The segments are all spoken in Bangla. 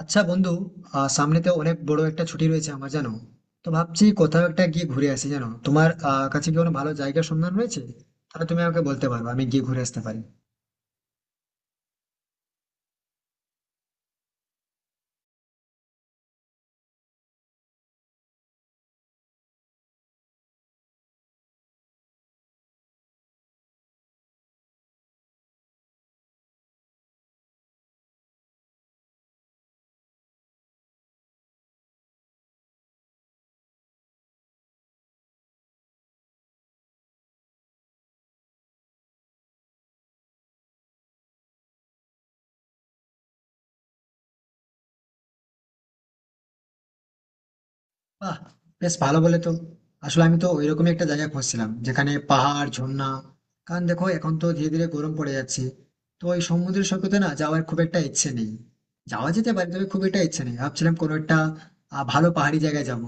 আচ্ছা বন্ধু, সামনে তো অনেক বড় একটা ছুটি রয়েছে আমার, জানো। তো ভাবছি কোথাও একটা গিয়ে ঘুরে আসি, জানো, তোমার কাছে কি কোনো ভালো জায়গার সন্ধান রয়েছে? তাহলে তুমি আমাকে বলতে পারো, আমি গিয়ে ঘুরে আসতে পারি। বাহ! বেশ ভালো বলে তো। আসলে আমি তো ওইরকমই একটা জায়গা খুঁজছিলাম যেখানে পাহাড়, ঝর্ণা। কারণ দেখো, এখন তো ধীরে ধীরে গরম পড়ে যাচ্ছে। তো ওই সমুদ্র সৈকতে না, যাওয়ার খুব একটা ইচ্ছে নেই। যাওয়া যেতে পারে, তবে খুব একটা ইচ্ছে নেই। ভাবছিলাম কোনো একটা ভালো পাহাড়ি জায়গায় যাব।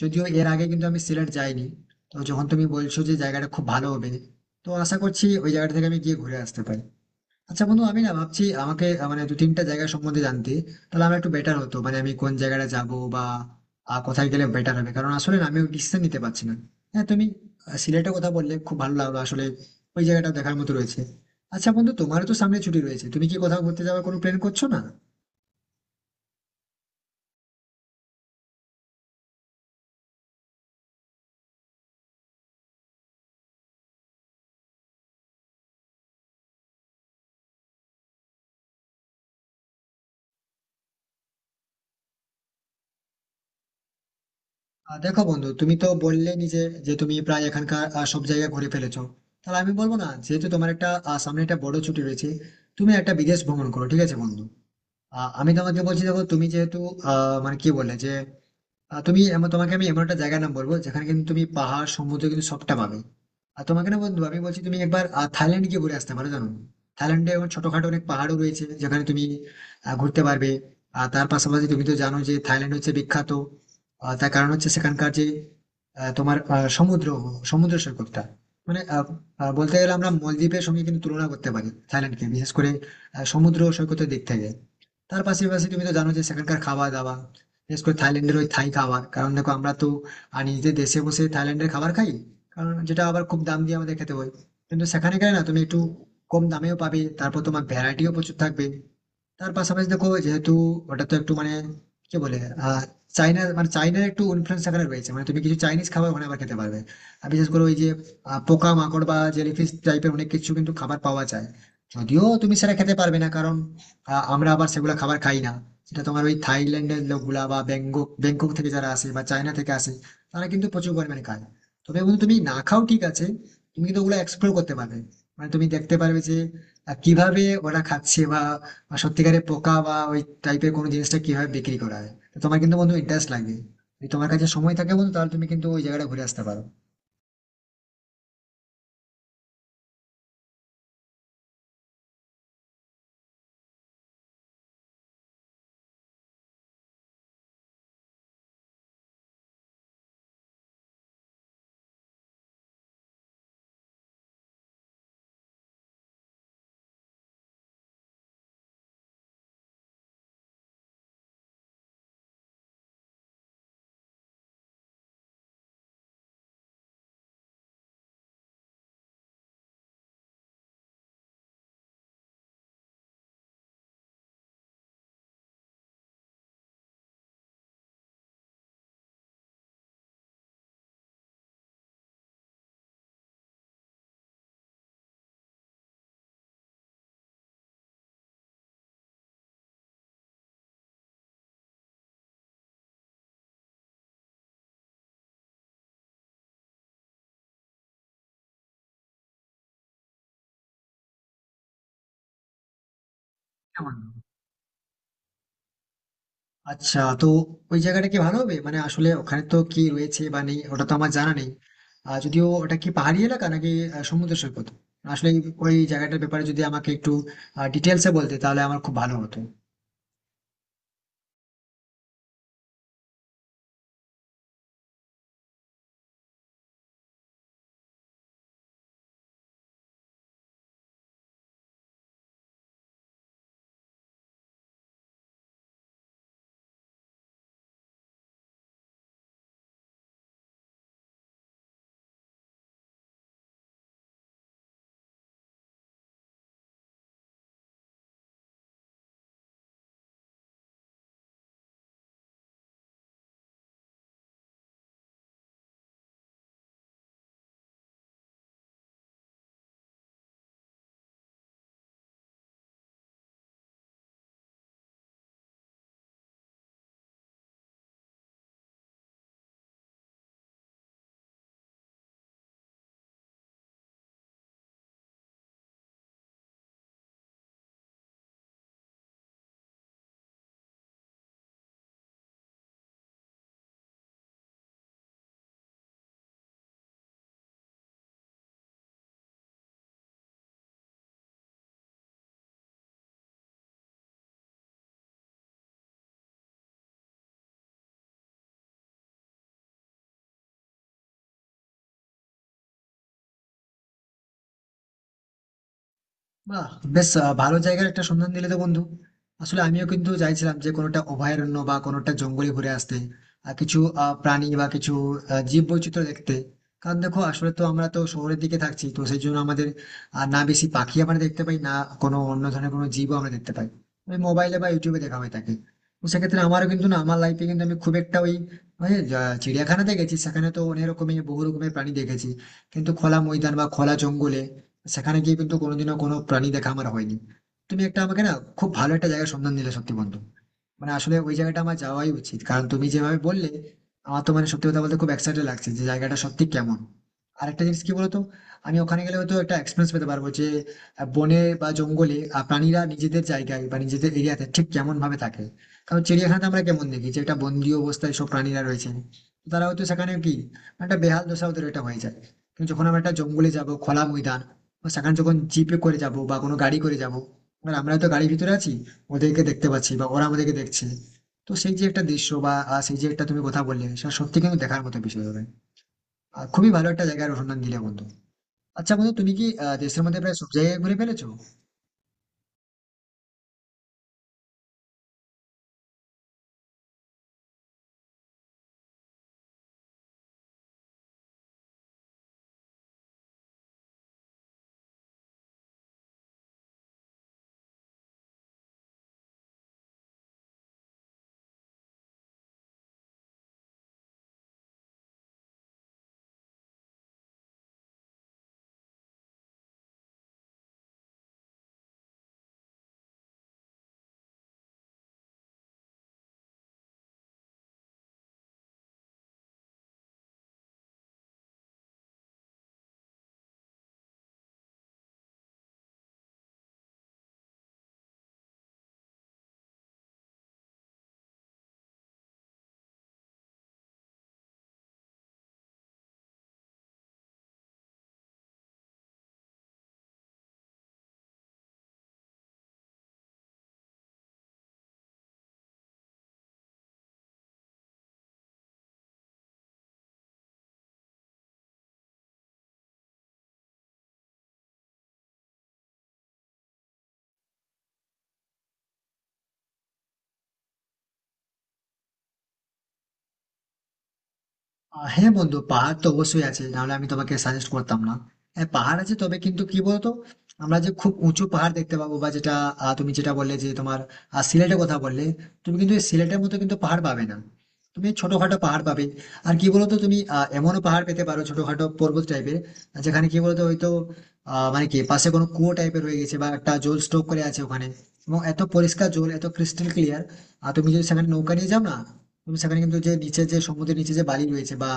যদিও এর আগে কিন্তু আমি সিলেট যাইনি। তো যখন তুমি বলছো যে জায়গাটা খুব ভালো হবে, তো আশা করছি ওই জায়গাটা থেকে আমি গিয়ে ঘুরে আসতে পারি। আচ্ছা বন্ধু, আমি না ভাবছি আমাকে মানে দু তিনটা জায়গা সম্বন্ধে জানতে, তাহলে আমার একটু বেটার হতো। মানে আমি কোন জায়গাটা যাব বা কোথায় গেলে বেটার হবে, কারণ আসলে না, আমি ডিসিশন নিতে পারছি না। হ্যাঁ, তুমি সিলেটের কথা বললে খুব ভালো লাগলো আসলে। ওই জায়গাটা দেখার মতো রয়েছে। আচ্ছা বন্ধু, তোমারও তো সামনে ছুটি রয়েছে, তুমি কি কোথাও ঘুরতে যাওয়ার কোনো প্ল্যান করছো না? দেখো বন্ধু, তুমি তো বললে নিজে যে তুমি প্রায় এখানকার সব জায়গা ঘুরে ফেলেছো। তাহলে আমি বলবো না, যেহেতু তোমার একটা সামনে একটা বড় ছুটি রয়েছে, তুমি একটা বিদেশ ভ্রমণ করো, ঠিক আছে বন্ধু? আমি তোমাকে বলছি, দেখো তুমি যেহেতু মানে কি বললে যে তোমাকে আমি এমন একটা জায়গার নাম বলবো যেখানে কিন্তু তুমি পাহাড়, সমুদ্র কিন্তু সবটা পাবে। আর তোমাকে না বন্ধু, আমি বলছি তুমি একবার থাইল্যান্ড গিয়ে ঘুরে আসতে পারো, জানো। থাইল্যান্ডে এখন ছোটখাটো অনেক পাহাড়ও রয়েছে, যেখানে তুমি ঘুরতে পারবে। আর তার পাশাপাশি তুমি তো জানো যে থাইল্যান্ড হচ্ছে বিখ্যাত। তার কারণ হচ্ছে সেখানকার যে তোমার সমুদ্র সমুদ্র সৈকতটা, মানে বলতে গেলে আমরা মলদ্বীপের সঙ্গে কিন্তু তুলনা করতে পারি থাইল্যান্ডকে, বিশেষ করে সমুদ্র সৈকতের দিক থেকে। তার পাশাপাশি তুমি তো জানো যে সেখানকার খাওয়া দাওয়া, বিশেষ করে থাইল্যান্ডের ওই থাই খাবার। কারণ দেখো আমরা তো নিজেদের দেশে বসে থাইল্যান্ডের খাবার খাই, কারণ যেটা আবার খুব দাম দিয়ে আমাদের খেতে হয়। কিন্তু সেখানে গেলে না, তুমি একটু কম দামেও পাবে, তারপর তোমার ভ্যারাইটিও প্রচুর থাকবে। তার পাশাপাশি দেখো, যেহেতু ওটা তো একটু মানে কি বলে, আহ চাইনার একটু ইনফ্লুয়েন্স সেখানে রয়েছে, মানে তুমি কিছু চাইনিজ খাবার ওখানে আবার খেতে পারবে। আর বিশেষ করে ওই যে পোকা মাকড় বা জেলিফিশ টাইপের অনেক কিছু কিন্তু খাবার পাওয়া যায়। যদিও তুমি সেটা খেতে পারবে না, কারণ আমরা আবার সেগুলো খাবার খাই না। সেটা তোমার ওই থাইল্যান্ডের লোকগুলা, বা ব্যাংকক ব্যাংকক থেকে যারা আসে বা চায়না থেকে আসে, তারা কিন্তু প্রচুর পরিমাণে খায়। তবে বন্ধু তুমি না খাও, ঠিক আছে। তুমি কিন্তু ওগুলো এক্সপ্লোর করতে পারবে। মানে তুমি দেখতে পারবে যে কিভাবে ওরা খাচ্ছে, বা বা সত্যিকারের পোকা বা ওই টাইপের কোনো জিনিসটা কিভাবে বিক্রি করা হয়। তো তোমার কিন্তু বন্ধু ইন্টারেস্ট লাগবে। যদি তোমার কাছে সময় থাকে বন্ধু, তাহলে তুমি কিন্তু ওই জায়গাটা ঘুরে আসতে পারো। হ্যাঁ বন্ধু। আচ্ছা, তো ওই জায়গাটা কি ভালো হবে? মানে আসলে ওখানে তো কি রয়েছে বা নেই ওটা তো আমার জানা নেই। আর যদিও ওটা কি পাহাড়ি এলাকা নাকি সমুদ্র সৈকত, আসলে ওই জায়গাটার ব্যাপারে যদি আমাকে একটু ডিটেলসে বলতে তাহলে আমার খুব ভালো হতো। বাহ! বেশ ভালো জায়গার একটা সন্ধান দিলে তো বন্ধু। আসলে আমিও কিন্তু চাইছিলাম যে কোনোটা অভয়ারণ্য বা কোনোটা জঙ্গলে ঘুরে আসতে। আর কিছু প্রাণী বা কিছু জীববৈচিত্র্য দেখতে। কারণ দেখো, আসলে তো আমরা তো শহরের দিকে থাকছি। তো সেই জন্য আমাদের না বেশি পাখি আমরা দেখতে পাই, না কোনো অন্য ধরনের কোনো জীবও আমরা দেখতে পাই। ওই মোবাইলে বা ইউটিউবে দেখা হয়ে থাকে। তো সেক্ষেত্রে আমারও কিন্তু না, আমার লাইফে কিন্তু আমি খুব একটা ওই ওই যা চিড়িয়াখানাতে গেছি সেখানে তো অনেক রকমের বহু রকমের প্রাণী দেখেছি। কিন্তু খোলা ময়দান বা খোলা জঙ্গলে, সেখানে গিয়ে কিন্তু কোনোদিনও কোনো প্রাণী দেখা আমার হয়নি। তুমি একটা আমাকে না, খুব ভালো একটা জায়গার সন্ধান দিলে সত্যি বন্ধু। মানে আসলে ওই জায়গাটা আমার যাওয়াই উচিত, কারণ তুমি যেভাবে বললে, আমার তো মানে সত্যি কথা বলতে খুব এক্সাইটেড লাগছে যে জায়গাটা সত্যি কেমন। আরেকটা জিনিস কি বলতো, আমি ওখানে গেলে হয়তো একটা এক্সপিরিয়েন্স পেতে পারবো যে বনে বা জঙ্গলে প্রাণীরা নিজেদের জায়গায় বা নিজেদের এরিয়াতে ঠিক কেমন ভাবে থাকে। কারণ চিড়িয়াখানাতে আমরা কেমন দেখি যে একটা বন্দি অবস্থায় সব প্রাণীরা রয়েছে। তো তারা হয়তো সেখানে কি, একটা বেহাল দশা ওদের এটা হয়ে যায়। কিন্তু যখন আমরা একটা জঙ্গলে যাব, খোলা ময়দান, বা সেখানে যখন জিপে করে যাব বা কোনো গাড়ি করে যাব, আমরা তো গাড়ির ভিতরে আছি, ওদেরকে দেখতে পাচ্ছি বা ওরা আমাদেরকে দেখছে। তো সেই যে একটা দৃশ্য, বা সেই যে একটা তুমি কথা বললে, সেটা সত্যি কিন্তু দেখার মতো বিষয় হবে। আর খুবই ভালো একটা জায়গার অনুসন্ধান দিলে বন্ধু। আচ্ছা বন্ধু, তুমি কি দেশের মধ্যে প্রায় সব জায়গায় ঘুরে ফেলেছো? হ্যাঁ বন্ধু, পাহাড় তো অবশ্যই আছে, নাহলে আমি তোমাকে সাজেস্ট করতাম না। হ্যাঁ পাহাড় আছে, তবে কিন্তু কি বলতো, আমরা যে খুব উঁচু পাহাড় দেখতে পাবো, বা যেটা তুমি যেটা বললে যে তোমার সিলেটের কথা বললে, তুমি কিন্তু এই সিলেটের মতো কিন্তু পাহাড় পাবে না। তুমি এই ছোটখাটো পাহাড় পাবে। আর কি বলতো, তুমি এমনও পাহাড় পেতে পারো ছোটখাটো পর্বত টাইপের, যেখানে কি বলতো হয়তো মানে কি পাশে কোনো কুয়ো টাইপের হয়ে গেছে, বা একটা জল স্টক করে আছে ওখানে। এবং এত পরিষ্কার জল, এত ক্রিস্টাল ক্লিয়ার। আর তুমি যদি সেখানে নৌকা নিয়ে যাও না, তুমি সেখানে কিন্তু যে নিচে যে সমুদ্রের নিচে যে বালি রয়েছে, বা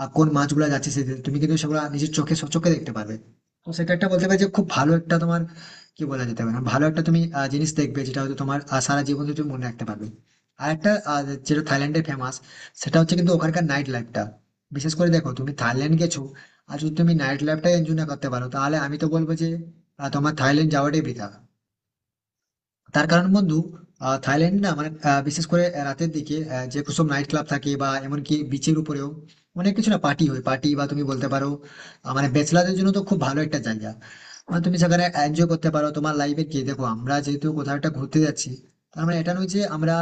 কোন মাছগুলো যাচ্ছে সেদিকে, তুমি কিন্তু সেগুলো নিজের চোখে সচক্ষে দেখতে পাবে। তো সেটা একটা বলতে পারি যে খুব ভালো একটা তোমার, কি বলা যেতে পারে, ভালো একটা তুমি জিনিস দেখবে যেটা হয়তো তোমার সারা জীবন ধরে তুমি মনে রাখতে পারবে। আর একটা যেটা থাইল্যান্ডে ফেমাস, সেটা হচ্ছে কিন্তু ওখানকার নাইট লাইফটা। বিশেষ করে দেখো, তুমি থাইল্যান্ড গেছো, আর যদি তুমি নাইট লাইফটা এনজয় না করতে পারো, তাহলে আমি তো বলবো যে তোমার থাইল্যান্ড যাওয়াটাই বৃথা। তার কারণ বন্ধু, থাইল্যান্ডে না মানে বিশেষ করে রাতের দিকে, যে সব নাইট ক্লাব থাকে বা এমনকি বিচের উপরেও, অনেক কিছু না পার্টি হয়, পার্টি বা তুমি বলতে পারো মানে ব্যাচেলারদের জন্য তো খুব ভালো একটা জায়গা। মানে তুমি সেখানে এনজয় করতে পারো তোমার লাইফে। কি দেখো, আমরা যেহেতু কোথাও একটা ঘুরতে যাচ্ছি, তার মানে এটা নয় যে আমরা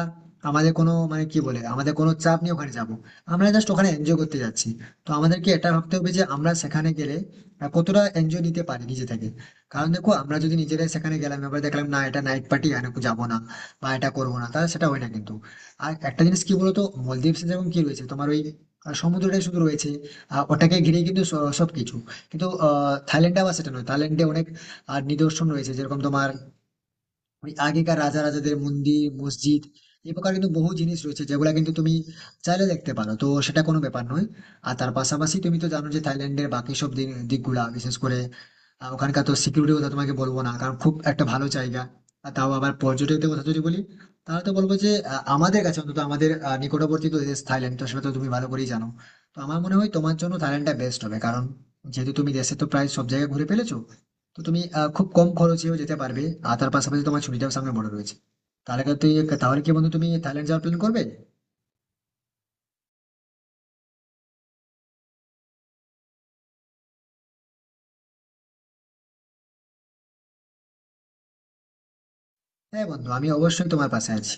আমাদের কোনো, মানে কি বলে, আমাদের কোনো চাপ নিয়ে ওখানে যাব। আমরা জাস্ট ওখানে এনজয় করতে যাচ্ছি। তো আমাদেরকে এটা ভাবতে হবে যে আমরা সেখানে গেলে কতটা এনজয় নিতে পারি নিজে থেকে। কারণ দেখো, আমরা যদি নিজেরাই সেখানে গেলাম, এবার দেখলাম না এটা নাইট পার্টি, এখানে যাবো না বা এটা করবো না, তাহলে সেটা হয় না কিন্তু। আর একটা জিনিস কি বলতো, মলদ্বীপে যেমন কি রয়েছে, তোমার ওই সমুদ্রটাই শুধু রয়েছে, ওটাকে ঘিরে কিন্তু সবকিছু। কিন্তু থাইল্যান্ডে আবার সেটা নয়, থাইল্যান্ডে অনেক আর নিদর্শন রয়েছে, যেরকম তোমার ওই আগেকার রাজা রাজাদের মন্দির, মসজিদ। এই প্রকার কিন্তু বহু জিনিস রয়েছে যেগুলা কিন্তু তুমি চাইলে দেখতে পারো, তো সেটা কোনো ব্যাপার নয়। আর তার পাশাপাশি তুমি তো জানো যে থাইল্যান্ডের বাকি সব দিকগুলা, বিশেষ করে ওখানকার তো সিকিউরিটির কথা তোমাকে বলবো না, কারণ খুব একটা ভালো জায়গা। আর তাও আবার পর্যটকদের কথা যদি বলি, তাহলে তো বলবো যে আমাদের কাছে অন্তত, আমাদের নিকটবর্তী তো দেশ থাইল্যান্ড, তো সেটা তো তুমি ভালো করেই জানো। তো আমার মনে হয় তোমার জন্য থাইল্যান্ডটা বেস্ট হবে, কারণ যেহেতু তুমি দেশে তো প্রায় সব জায়গায় ঘুরে ফেলেছো, তো তুমি খুব কম খরচেও যেতে পারবে। আর তার পাশাপাশি তোমার ছুটিটাও সামনে বড় রয়েছে। তাহলে কি তুই তাহলে কি বন্ধু, তুমি থাইল্যান্ড যাওয়ার প্ল্যান করবে? হ্যাঁ বন্ধু, আমি অবশ্যই তোমার পাশে আছি।